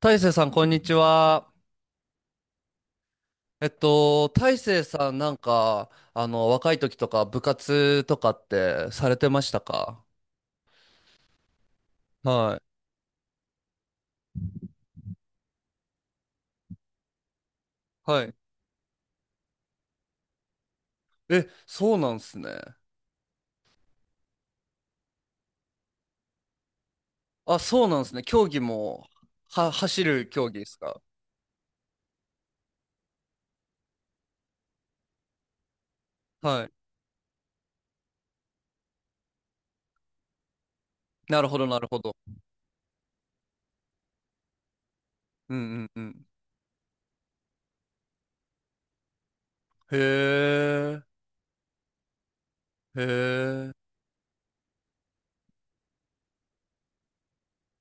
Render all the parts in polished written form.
大成さん、こんにちは。大成さん、若い時とか、部活とかってされてましたか？はい。はい。え、そうなんすね。あ、そうなんすね。競技も、は、走る競技ですか？はい。なるほど、なるほど。うんうんうん。へえ、へえ、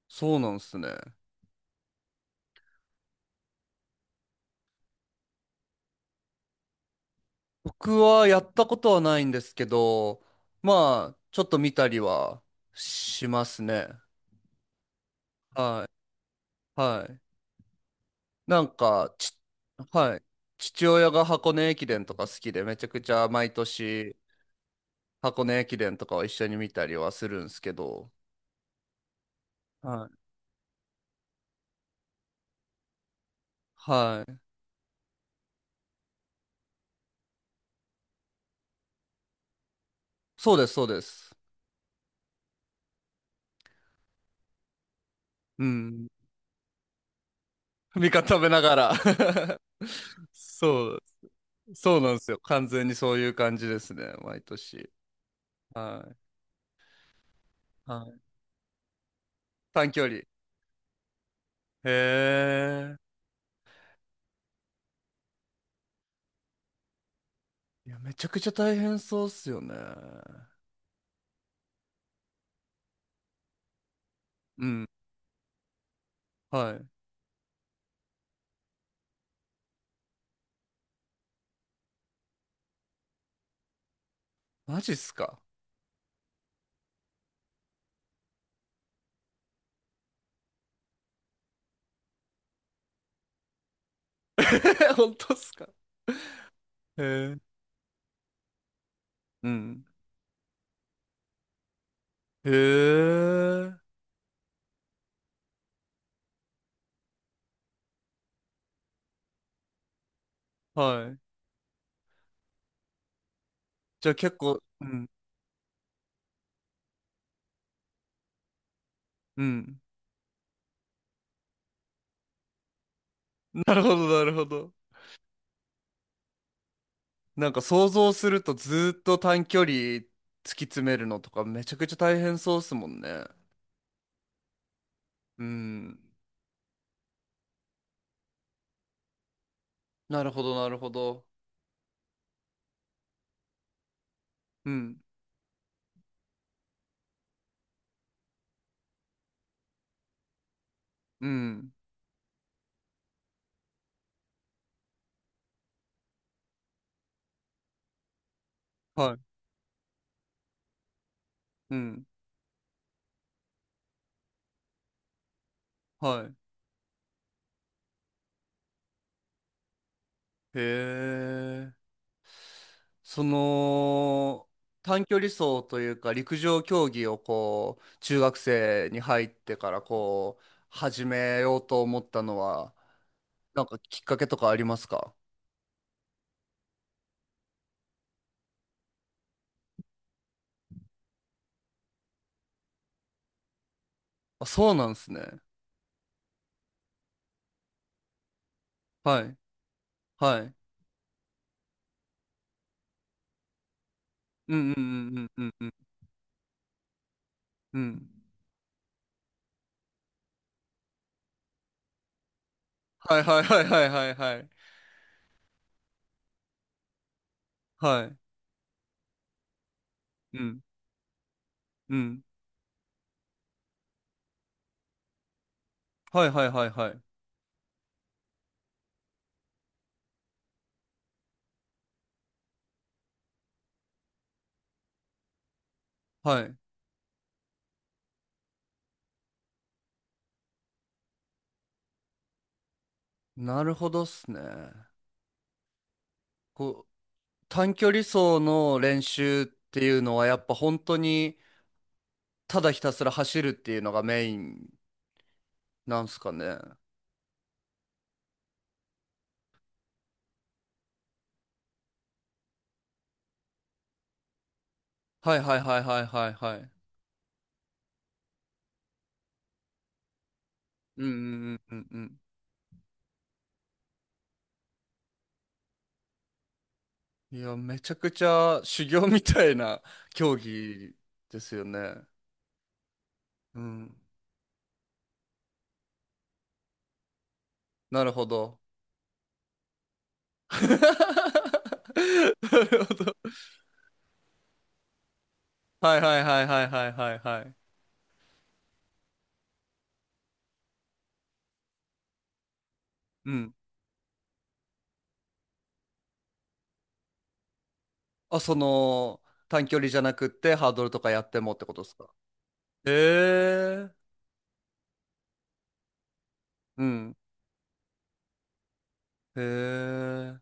そうなんすね。僕はやったことはないんですけど、まあ、ちょっと見たりはしますね。はい。はい。なんか、ち、はい。父親が箱根駅伝とか好きで、めちゃくちゃ毎年箱根駅伝とかを一緒に見たりはするんですけど。はい。はい。そうです、そうです。うん。味方食べながら そう、そうなんですよ。完全にそういう感じですね、毎年。はい。はい。短距離。へえ。いや、めちゃくちゃ大変そうっすよね。うん。はい。マジっすか？ 本当っすか？へえ。うん。へえ。はい。じゃあ結構、うん。うん。なるほど、なるほど。なんか想像するとずーっと短距離突き詰めるのとかめちゃくちゃ大変そうっすもんね。うん。なるほど、なるほど。うん。うん。はい。うん。はい。へえ。その、短距離走というか陸上競技をこう、中学生に入ってからこう、始めようと思ったのは、なんかきっかけとかありますか？あ、そうなんですね。はい。はい。うんうんうんうんうんうん。うん。はいはいはいはいはいはい。はい。うん。うん。はいはいはいはい。はい。なるほどっすね。こう、短距離走の練習っていうのはやっぱ本当にただひたすら走るっていうのがメインなんすかね。はいはいはいはいはいはい。うんうんうんうんうん。いや、めちゃくちゃ修行みたいな競技ですよね。うん。なるほど。なるほど。はいはいはいはいはいはいはい。うん。あ、その、短距離じゃなくってハードルとかやってもってことですか？へえ。うん。へえ。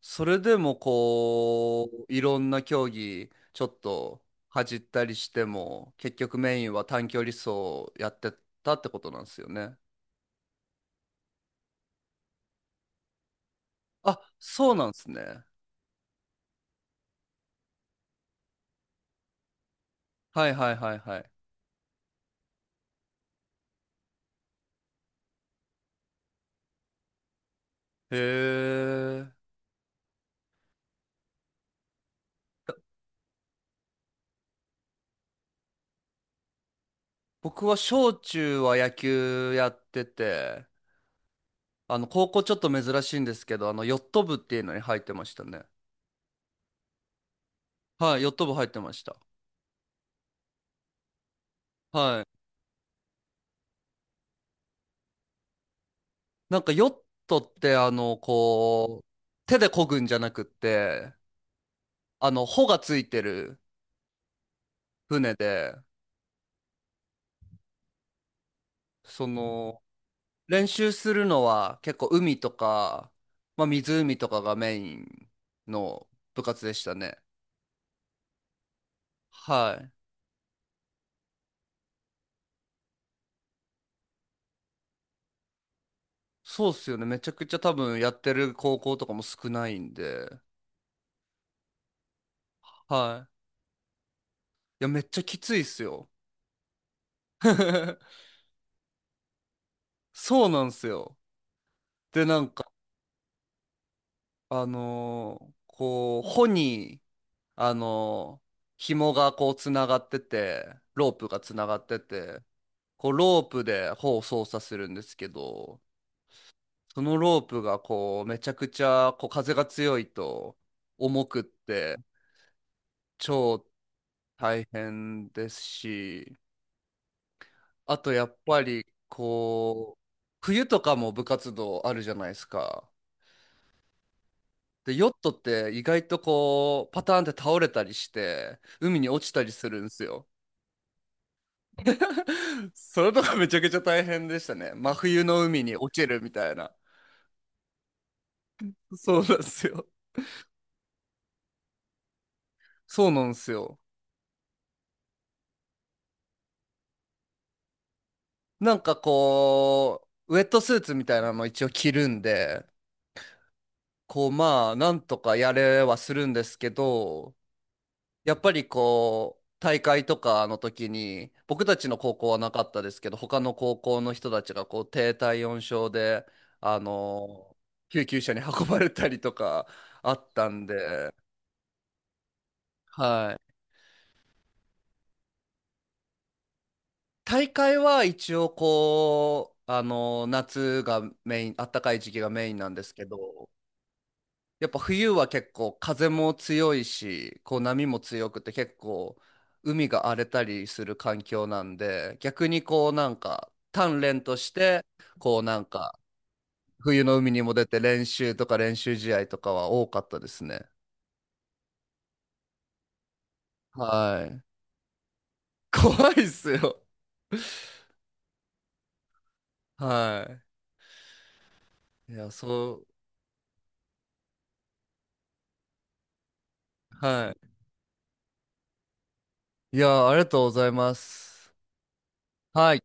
それでもこう、いろんな競技、ちょっと恥じったりしても、結局メインは短距離走やってたってことなんですよね。あ、そうなんですね。はいはいはいはい。へえ。僕は小中は野球やってて、高校ちょっと珍しいんですけど、ヨット部っていうのに入ってましたね。はい、ヨット部入ってました。はい。なんかヨットって、手で漕ぐんじゃなくって、帆がついてる船で、その、練習するのは結構海とか、まあ湖とかがメインの部活でしたね。はい。そうっすよね。めちゃくちゃ多分やってる高校とかも少ないんで。はい。いや、めっちゃきついっすよ。そうなんすよ。で、穂に、あのー紐がこう、つながってて、ロープがつながってて、こう、ロープで穂を操作するんですけど、そのロープがこう、めちゃくちゃ、こう、風が強いと、重くって、超大変ですし、あとやっぱりこう冬とかも部活動あるじゃないですか。でヨットって意外とこうパターンって倒れたりして海に落ちたりするんですよ。それとかめちゃくちゃ大変でしたね。真冬の海に落ちるみたいな。そうなんですよ。そうなんですよ。なんかこうウェットスーツみたいなの一応着るんでこうまあなんとかやれはするんですけど、やっぱりこう、大会とかの時に、僕たちの高校はなかったですけど、他の高校の人たちがこう、低体温症で、あの、救急車に運ばれたりとかあったんで、はい。大会は一応こう、夏がメイン、暖かい時期がメインなんですけど、やっぱ冬は結構風も強いし、こう波も強くて結構海が荒れたりする環境なんで、逆にこうなんか鍛錬として、こうなんか冬の海にも出て練習とか練習試合とかは多かったですね。はい。怖いっすよ。はい。いや、そう。はい。いや、ありがとうございます。はい。